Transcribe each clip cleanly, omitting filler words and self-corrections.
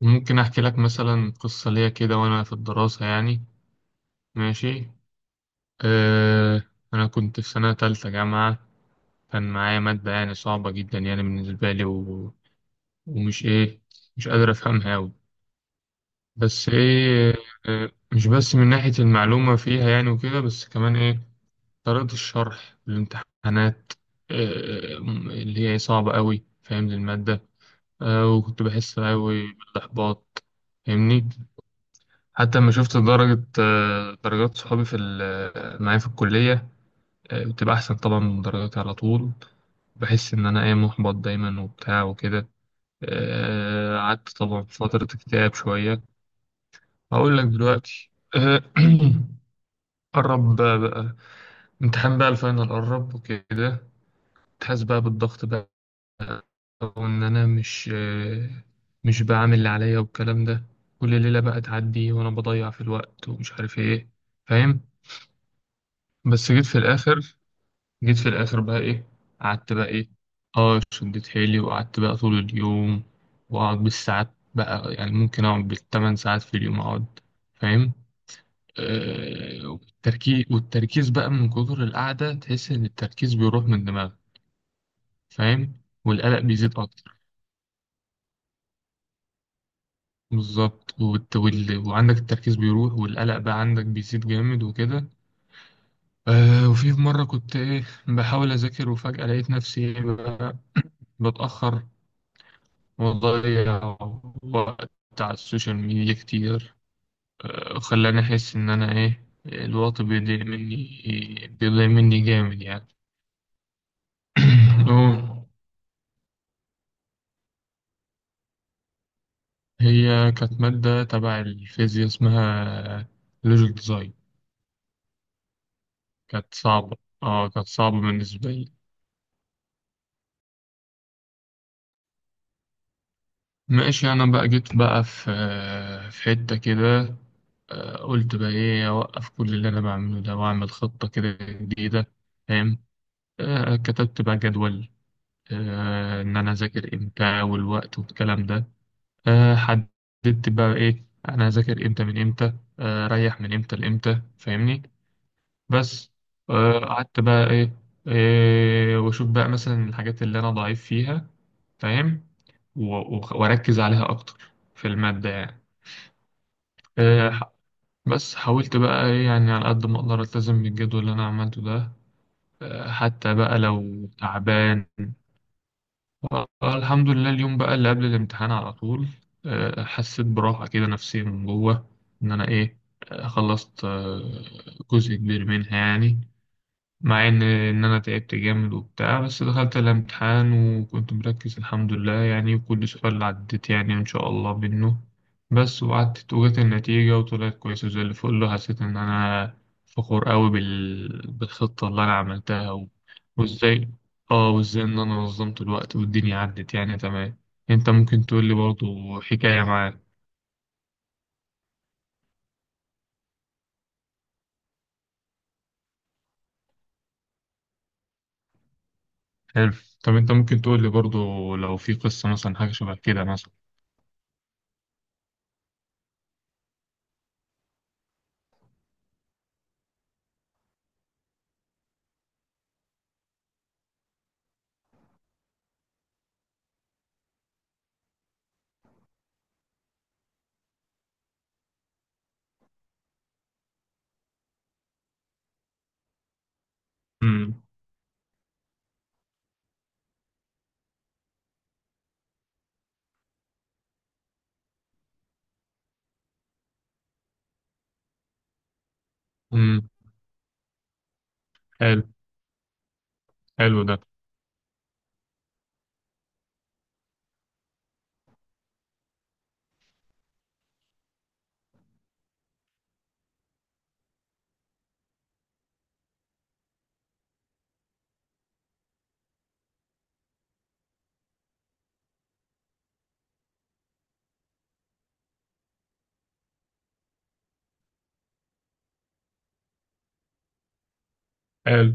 ممكن أحكي لك مثلا قصة ليا كده وأنا في الدراسة يعني. ماشي. أه. أنا كنت في سنة تالتة جامعة. كان معايا مادة يعني صعبة جدا يعني بالنسبة لي و... ومش إيه مش قادر أفهمها أوي. بس إيه، أه مش بس من ناحية المعلومة فيها يعني وكده، بس كمان إيه طريقة الشرح الامتحانات، أه، اللي هي صعبة أوي فاهم المادة. أه، وكنت بحس أوي بالإحباط. فاهمني؟ حتى لما شفت درجة آه، درجات صحابي معايا في الكلية، بتبقى أحسن طبعا من درجاتي على طول. بحس إن أنا إيه محبط دايما وبتاع وكده. قعدت طبعا في فترة اكتئاب شوية. هقول لك دلوقتي. آه، قرب بقى امتحان بقى الفاينل قرب وكده. تحس بقى بالضغط بقى. وإن أنا مش مش بعمل اللي عليا والكلام ده. كل ليلة بقى تعدي وأنا بضيع في الوقت ومش عارف إيه. فاهم؟ بس جيت في الآخر، جيت في الاخر بقى ايه قعدت بقى ايه، اه شديت حيلي وقعدت بقى طول اليوم. واقعد بالساعات بقى، يعني ممكن اقعد بـ 8 ساعات في اليوم اقعد. فاهم؟ آه، والتركيز بقى من كتر القعدة، تحس ان التركيز بيروح من دماغك. فاهم، والقلق بيزيد اكتر. بالظبط، وعندك التركيز بيروح، والقلق بقى عندك بيزيد جامد وكده. آه، وفي مرة كنت ايه بحاول اذاكر، وفجأة لقيت نفسي إيه بقى بتأخر، وضيع وقت على السوشيال ميديا كتير. خلاني أحس إن أنا إيه الوقت بيضيع مني جامد يعني. هو- هي كانت مادة تبع الفيزياء، اسمها لوجيك ديزاين. كانت صعبة اه كانت صعبة بالنسبة لي. ماشي. أنا بقى جيت بقى في حتة كده. قلت بقى إيه أوقف كل اللي أنا بعمله ده، وأعمل خطة كده جديدة. فاهم؟ كتبت بقى جدول، ان انا اذاكر امتى والوقت والكلام ده. حددت بقى ايه انا هذاكر امتى من امتى، اريح من امتى لامتى. فاهمني؟ بس. قعدت بقى ايه، إيه واشوف بقى مثلا الحاجات اللي انا ضعيف فيها. فاهم؟ واركز عليها اكتر في المادة يعني. آه، ح- بس حاولت بقى ايه يعني على قد ما اقدر التزم بالجدول اللي انا عملته ده، حتى بقى لو تعبان. الحمد لله، اليوم بقى اللي قبل الامتحان على طول، حسيت براحة كده نفسية من جوه، إن أنا إيه خلصت، جزء كبير منها يعني. مع ان انا تعبت جامد وبتاع، بس دخلت الامتحان وكنت مركز الحمد لله يعني، وكل سؤال عديت يعني ان شاء الله منه. بس وقعدت وجت النتيجة وطلعت كويسة زي اللي فوق له، حسيت ان انا فخور قوي بالخطة اللي انا عملتها وازاي، اه وازاي ان انا نظمت الوقت والدنيا عدت يعني تمام. انت ممكن تقول لي برضو حكاية معاك؟ حلو. طب انت ممكن تقول لي برضو لو في قصة مثلا حاجة شبه كده مثلا؟ امم. امم. حلو. حلو ده. حلو.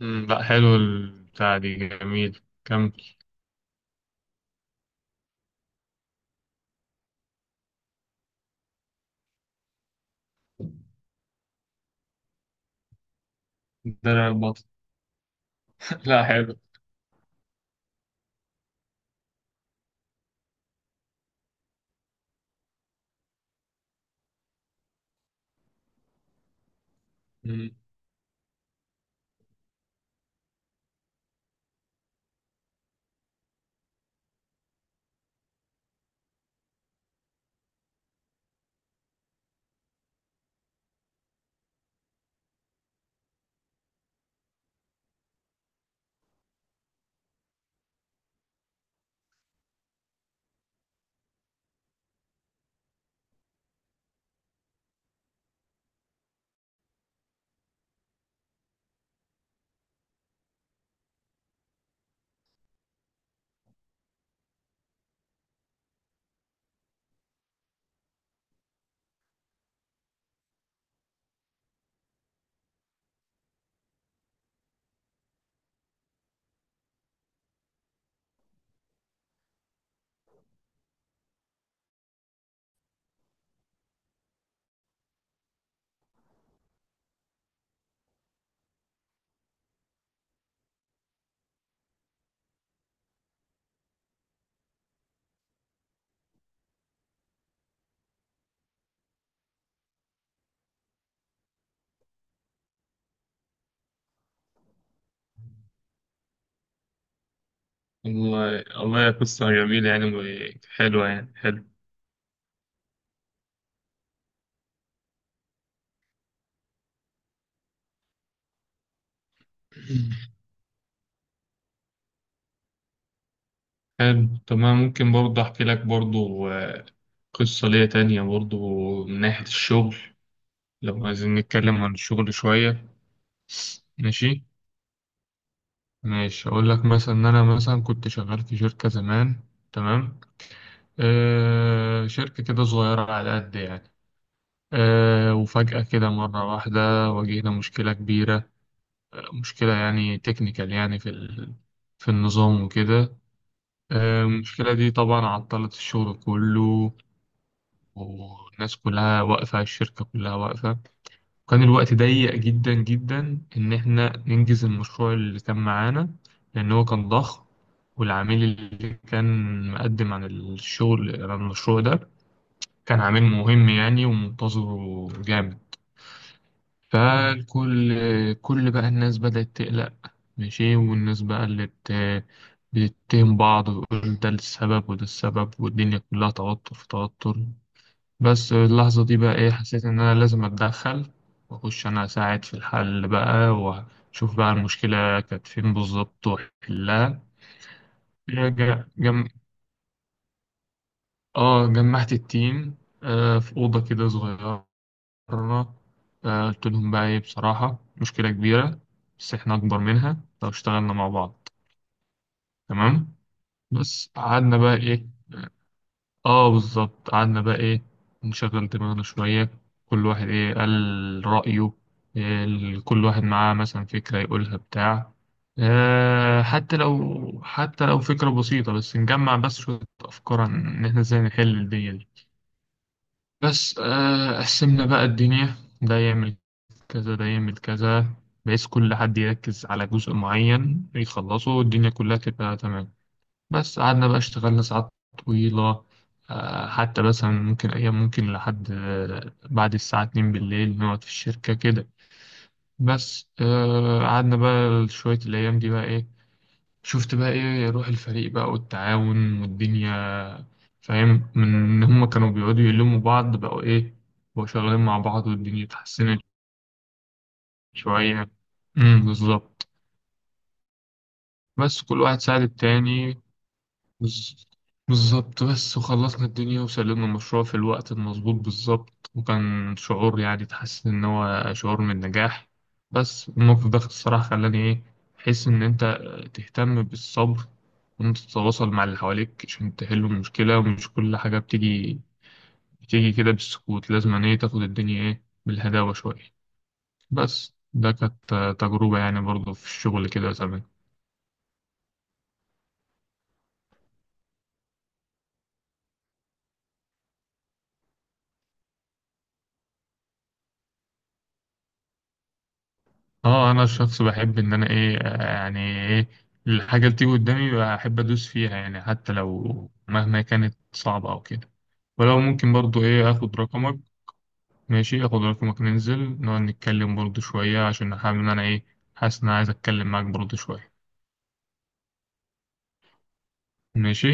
مم، لا حلو البتاع دي، جميل، كمل. درع البطل؟ لا حلو. مم. والله والله قصة جميلة يعني وحلوة يعني. حلو. حلو. طب أنا ممكن برضه أحكي لك برضه قصة ليا تانية برضه من ناحية الشغل، لو عايزين نتكلم عن الشغل شوية. ماشي. ماشي أقول لك مثلا إن أنا مثلا كنت شغال في شركة زمان. تمام. آه، شركة كده صغيرة على قد يعني. وفجأة كده مرة واحدة واجهنا مشكلة كبيرة. مشكلة يعني تكنيكال يعني في النظام وكده. المشكلة دي طبعا عطلت الشغل كله، والناس كلها واقفة، الشركة كلها واقفة. وكان الوقت ضيق جدا جدا إن إحنا ننجز المشروع اللي كان معانا، لأن هو كان ضخم. والعميل اللي كان مقدم عن المشروع ده كان عميل مهم يعني ومنتظره جامد. فالكل بقى الناس بدأت تقلق. ماشي، والناس بقى اللي بتتهم بعض وتقول ده السبب وده السبب، والدنيا كلها توتر في توتر. بس اللحظة دي بقى إيه حسيت إن أنا لازم أتدخل، وأخش أنا أساعد في الحل بقى، وأشوف بقى المشكلة كانت فين بالظبط وأحلها. ج- جم... آه، جمعت التيم، آه، في أوضة كده صغيرة مرة. قلت لهم بقى إيه، بصراحة مشكلة كبيرة، بس إحنا أكبر منها لو اشتغلنا مع بعض. تمام. بس قعدنا بقى إيه. آه بالظبط، قعدنا بقى إيه، نشغل دماغنا شوية. كل واحد إيه قال رأيه، إيه كل واحد معاه مثلا فكرة يقولها بتاع. آه، حتى لو فكرة بسيطة، بس نجمع بس شوية أفكار عن إن إحنا إزاي نحل الدنيا دي. بس قسمنا بقى الدنيا، ده يعمل كذا، ده يعمل كذا، بحيث كل حد يركز على جزء معين يخلصه، والدنيا كلها تبقى تمام. بس قعدنا بقى اشتغلنا ساعات طويلة، حتى مثلا ممكن أيام ممكن لحد بعد الساعة 2 بالليل نقعد في الشركة كده. بس قعدنا بقى شوية، الأيام دي بقى إيه، شفت بقى ايه روح الفريق بقى والتعاون والدنيا. فاهم، من ان هم كانوا بيقعدوا يلموا بعض، بقوا شغالين مع بعض، والدنيا اتحسنت شوية. بالظبط. بس كل واحد ساعد التاني. بز- بالظبط. بس وخلصنا الدنيا وسلمنا المشروع في الوقت المظبوط بالظبط، وكان شعور، يعني تحس إن هو شعور من النجاح. بس الموقف ده الصراحة خلاني إيه أحس إن أنت تهتم بالصبر، وإن أنت تتواصل مع اللي حواليك عشان تحل المشكلة، ومش كل حاجة بتيجي كده بالسكوت، لازم إن إيه تاخد الدنيا إيه بالهداوة شوية. بس ده كانت تجربة يعني برضه في الشغل كده زمان. اه انا شخص بحب ان انا ايه يعني ايه الحاجه اللي تيجي قدامي بحب ادوس فيها يعني، حتى لو مهما كانت صعبه او كده. ولو ممكن برضو ايه اخد رقمك؟ ماشي اخد رقمك، ننزل نقعد نتكلم برضو شويه، عشان حابب ان انا ايه حاسس ان انا عايز اتكلم معاك برضو شويه. ماشي.